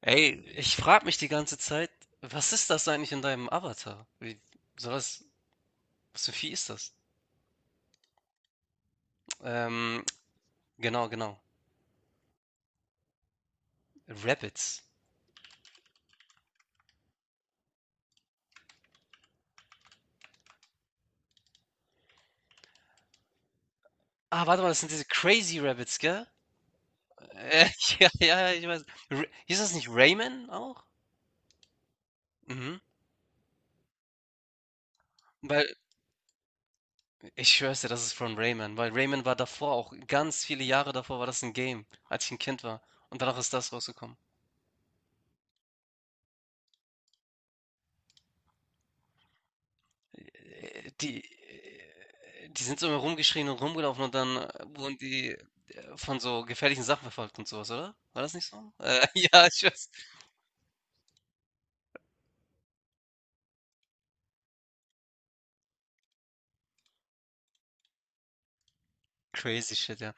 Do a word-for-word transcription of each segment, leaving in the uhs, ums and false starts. Ey, ich frage mich die ganze Zeit, was ist das eigentlich in deinem Avatar? Wie, sowas, was für ein Vieh ist das? Ähm, genau, genau. Rabbits. Ah, warte mal, das sind diese Crazy Rabbits, gell? Äh, ja, ja, ja, ich weiß. R hieß das nicht Rayman auch? Mhm. Weil, Ich schwör's dir, das ist von Rayman, weil Rayman war davor auch, ganz viele Jahre davor war das ein Game, als ich ein Kind war. Und danach ist das rausgekommen. Äh, die äh, die sind so immer rumgeschrien und rumgelaufen und dann, äh, wurden die, äh, von so gefährlichen Sachen verfolgt und sowas, oder? War das nicht so? Äh, ja, ich weiß. Crazy shit, ja.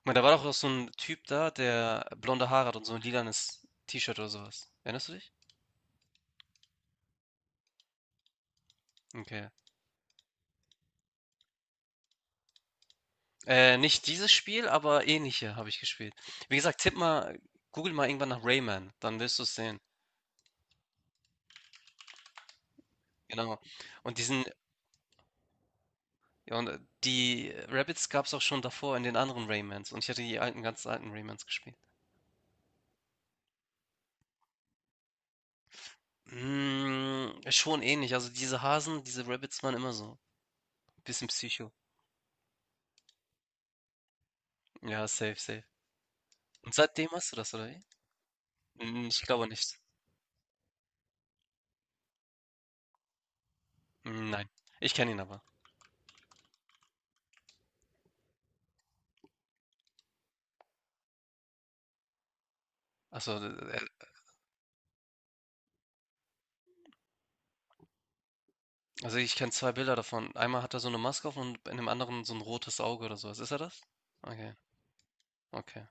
Ich meine, da war doch auch so ein Typ da, der blonde Haare hat und so ein lilanes T-Shirt oder sowas. Erinnerst du dich? Okay. Äh, nicht dieses Spiel, aber ähnliche habe ich gespielt. Wie gesagt, tipp mal google mal irgendwann nach Rayman, dann wirst du es sehen. Genau. Und diesen. Ja, und äh, die Rabbids gab es auch schon davor in den anderen Raymans. Und ich hatte die alten, ganz alten Raymans gespielt. Mm, schon ähnlich. Also diese Hasen, diese Rabbids waren immer so. Bisschen Psycho. Ja, safe, safe. Und seitdem hast du das, oder wie? Mm, ich glaube nicht. Mm, nein. Ich kenne ihn aber. Also, also ich kenne zwei Bilder davon. Einmal hat er so eine Maske auf und in dem anderen so ein rotes Auge oder sowas. Ist er das? Okay, okay.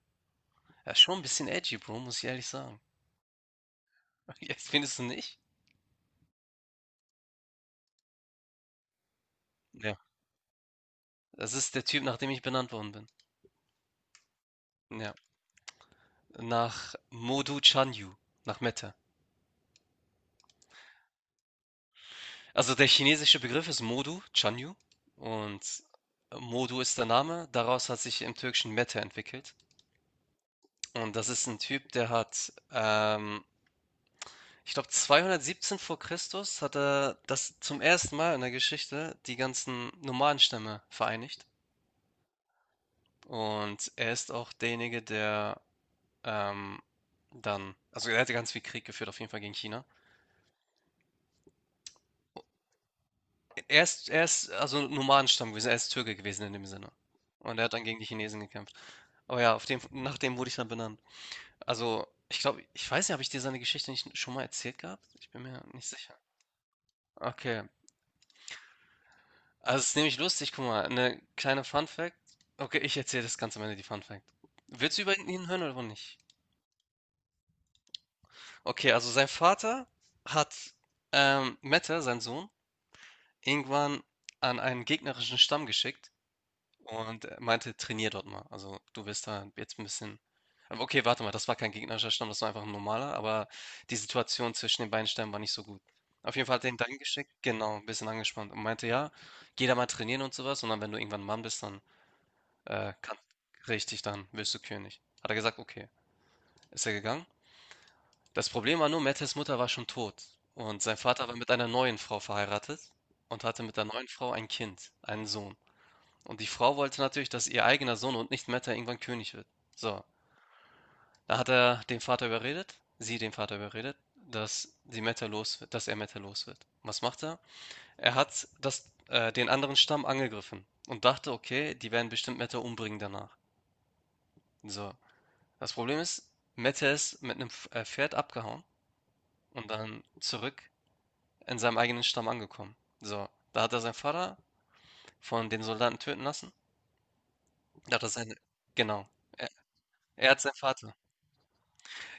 Er ist schon ein bisschen edgy, Bro, muss ich ehrlich sagen. Jetzt findest du nicht? Ja. Das ist der Typ, nach dem ich benannt worden bin. Ja, nach Modu Chanyu, nach Mette. Also der chinesische Begriff ist Modu Chanyu, und Modu ist der Name. Daraus hat sich im Türkischen Mete entwickelt. Und das ist ein Typ, der hat, ähm, ich glaube, zweihundertsiebzehn vor Christus hat er das zum ersten Mal in der Geschichte die ganzen Nomadenstämme vereinigt. Und er ist auch derjenige, der ähm, dann, also er hatte ganz viel Krieg geführt, auf jeden Fall gegen China. Er ist, er ist also Nomadenstamm gewesen, er ist Türke gewesen in dem Sinne. Und er hat dann gegen die Chinesen gekämpft. Aber ja, auf dem, nach dem wurde ich dann benannt. Also, ich glaube, ich weiß nicht, habe ich dir seine Geschichte nicht schon mal erzählt gehabt? Ich bin mir nicht sicher. Okay. Also, es ist nämlich lustig, guck mal, eine kleine Fun Fact. Okay, ich erzähle das ganz am Ende, die Fun Fact. Willst du über ihn hören oder nicht? Okay, also sein Vater hat ähm, Mette, sein Sohn, irgendwann an einen gegnerischen Stamm geschickt. Und er meinte, trainier dort mal. Also du wirst da jetzt ein bisschen. Aber okay, warte mal, das war kein gegnerischer Stamm, das war einfach ein normaler, aber die Situation zwischen den beiden Stämmen war nicht so gut. Auf jeden Fall hat er ihn dann geschickt, genau, ein bisschen angespannt und meinte, ja, geh da mal trainieren und sowas, und dann, wenn du irgendwann Mann bist, dann äh, kann, richtig, dann wirst du König. Hat er gesagt, okay, ist er gegangen. Das Problem war nur, Mettes Mutter war schon tot und sein Vater war mit einer neuen Frau verheiratet und hatte mit der neuen Frau ein Kind, einen Sohn. Und die Frau wollte natürlich, dass ihr eigener Sohn und nicht Meta irgendwann König wird. So, da hat er den Vater überredet, sie den Vater überredet, dass sie Meta los wird, dass er Meta los wird. Was macht er? Er hat das, äh, den anderen Stamm angegriffen und dachte, okay, die werden bestimmt Meta umbringen danach. So, das Problem ist, Meta ist mit einem F- äh, Pferd abgehauen und dann zurück in seinem eigenen Stamm angekommen. So, da hat er seinen Vater von den Soldaten töten lassen. Da hat er seine, genau, er, er hat seinen Vater.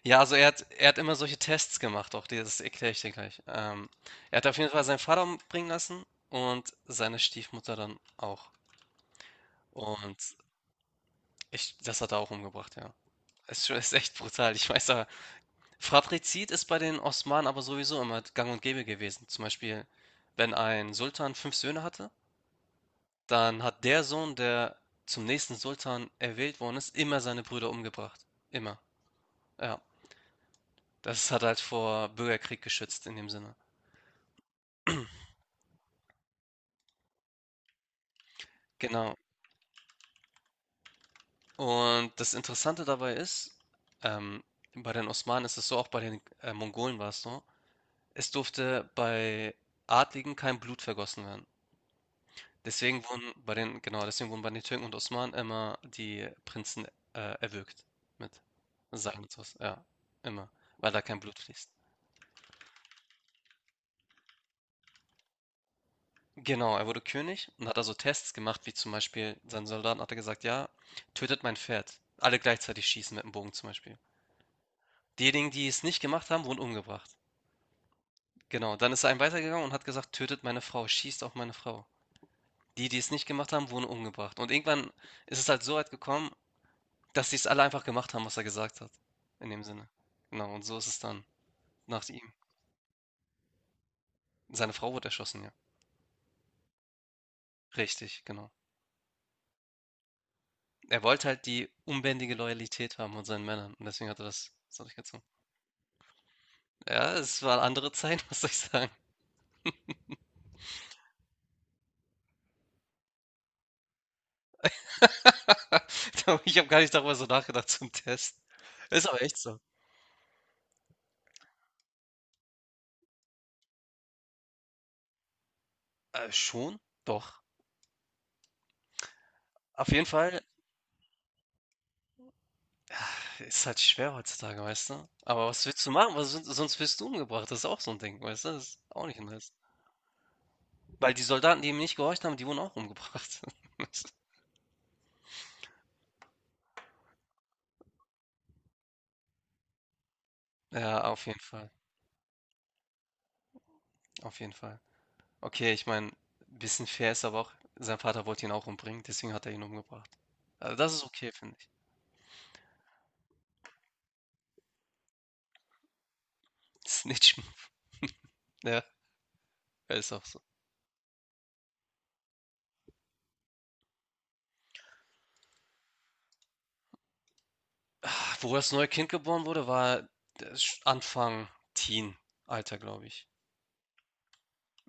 Ja, also er hat, er hat immer solche Tests gemacht, auch die- das erkläre ich dir gleich. Ähm, er hat auf jeden Fall seinen Vater umbringen lassen und seine Stiefmutter dann auch. Und ich, das hat er auch umgebracht, ja. Ist, schon- ist echt brutal. Ich weiß aber, Fratrizid ist bei den Osmanen aber sowieso immer gang und gäbe gewesen. Zum Beispiel, wenn ein Sultan fünf Söhne hatte, dann hat der Sohn, der zum nächsten Sultan erwählt worden ist, immer seine Brüder umgebracht. Immer. Ja. Das hat halt vor Bürgerkrieg geschützt in dem Sinne. Genau. Und das Interessante dabei ist, ähm, bei den Osmanen ist es so, auch bei den äh, Mongolen war es so, es durfte bei Adligen kein Blut vergossen werden. Deswegen wurden bei den, genau, deswegen wurden bei den Türken und Osmanen immer die Prinzen äh, erwürgt mit Salmitos, ja, immer, weil da kein Blut fließt. Genau, er wurde König und hat also Tests gemacht, wie zum Beispiel seinen Soldaten hat er gesagt, ja, tötet mein Pferd. Alle gleichzeitig schießen mit dem Bogen zum Beispiel. Diejenigen, die es nicht gemacht haben, wurden umgebracht. Genau, dann ist er einen weitergegangen und hat gesagt: „Tötet meine Frau, schießt auf meine Frau.“ Die, die es nicht gemacht haben, wurden umgebracht. Und irgendwann ist es halt so weit gekommen, dass die es alle einfach gemacht haben, was er gesagt hat. In dem Sinne. Genau, und so ist es dann nach ihm. Seine Frau wurde erschossen, ja. Richtig, genau. Er wollte halt die unbändige Loyalität haben von seinen Männern und deswegen hat er das das hat ich durchgezogen. Ja, es waren andere Zeiten, was soll ich sagen? Ich habe gar nicht darüber so nachgedacht zum Test. Ist aber echt so. Äh, schon, doch. Auf jeden Fall. Ist halt schwer heutzutage, weißt du? Aber was willst du machen? Was, sonst sonst wirst du umgebracht. Das ist auch so ein Ding, weißt du? Das ist auch nicht nice. Weil die Soldaten, die ihm nicht gehorcht haben, die wurden auch umgebracht. Ja, auf jeden Fall, auf jeden Fall. Okay, ich meine, bisschen fair ist aber auch, sein Vater wollte ihn auch umbringen, deswegen hat er ihn umgebracht. Also, das ist okay, finde ich. Das ist nicht schlimm. Ja, er ist auch so. Ah, wo das neue Kind geboren wurde, war das sch Anfang Teen-Alter, glaube ich.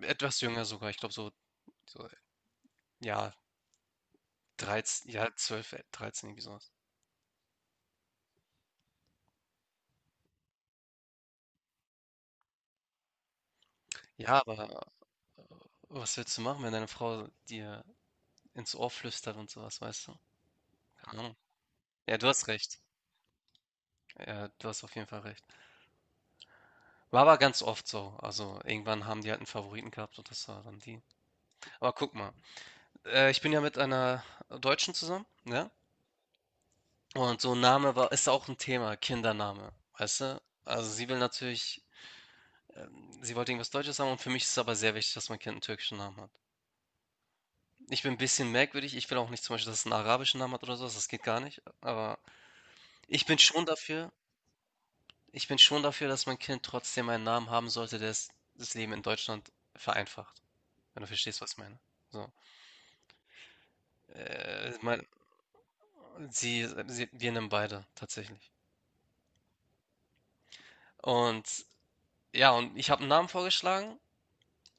Etwas jünger sogar, ich glaube so so, ja, dreizehn ja, zwölf äh, dreizehn, irgendwie sowas. Ja, aber was willst du machen, wenn deine Frau dir ins Ohr flüstert und sowas, weißt du? Keine Ahnung. Ja, du hast recht. Ja, du hast auf jeden Fall recht. War aber ganz oft so. Also irgendwann haben die halt einen Favoriten gehabt und das war dann die. Aber guck mal, äh, ich bin ja mit einer Deutschen zusammen, ne? Und so ein Name war, ist auch ein Thema, Kindername, weißt du? Also sie will natürlich, ähm, sie wollte irgendwas Deutsches haben und für mich ist es aber sehr wichtig, dass mein Kind einen türkischen Namen hat. Ich bin ein bisschen merkwürdig. Ich will auch nicht zum Beispiel, dass es 'n arabischen Namen hat oder so, das geht gar nicht. Aber ich bin schon dafür ich bin schon dafür, dass mein Kind trotzdem einen Namen haben sollte, der es das Leben in Deutschland vereinfacht, wenn du verstehst, was ich meine. So, äh, mein sie sie wir nehmen beide tatsächlich. Und ja, und ich habe einen Namen vorgeschlagen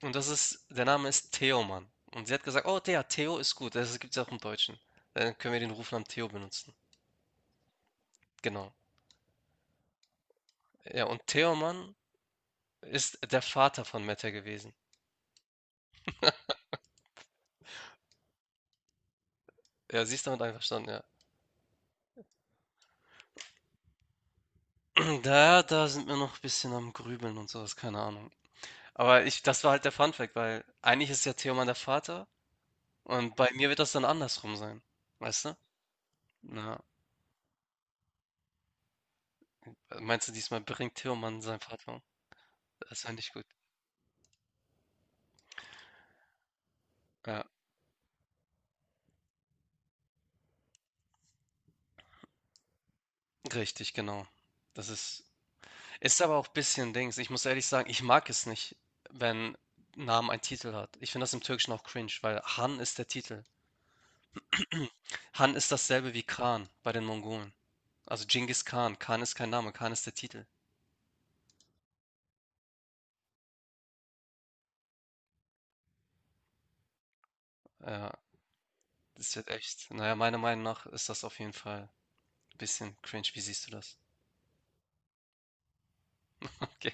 und das ist der Name ist Theoman. Und sie hat gesagt: „Oh, der Theo ist gut.“ Das gibt ja auch im Deutschen. Dann können wir den Rufnamen Theo benutzen. Genau. Ja, und Theoman ist der Vater von Mette gewesen. Ja, sie ist damit einverstanden, ja. Da da sind wir noch 'n bisschen am Grübeln und sowas, keine Ahnung. Aber ich, das war halt der Fun Fact, weil eigentlich ist ja Theoman der Vater und bei mir wird das dann andersrum sein, weißt du? Na, meinst du, diesmal bringt Theoman seinen Vater um? Das wäre nicht gut. Ja, richtig, genau. Das ist Ist aber auch ein bisschen Dings. Ich muss ehrlich sagen, ich mag es nicht, wenn Namen einen Titel hat. Ich finde das im Türkischen auch cringe, weil Han ist der Titel. Han ist dasselbe wie Khan bei den Mongolen. Also Genghis Khan. Khan ist kein Name, Khan ist der Titel. Ja, das wird echt. Naja, meiner Meinung nach ist das auf jeden Fall ein bisschen cringe. Wie siehst du das? Okay.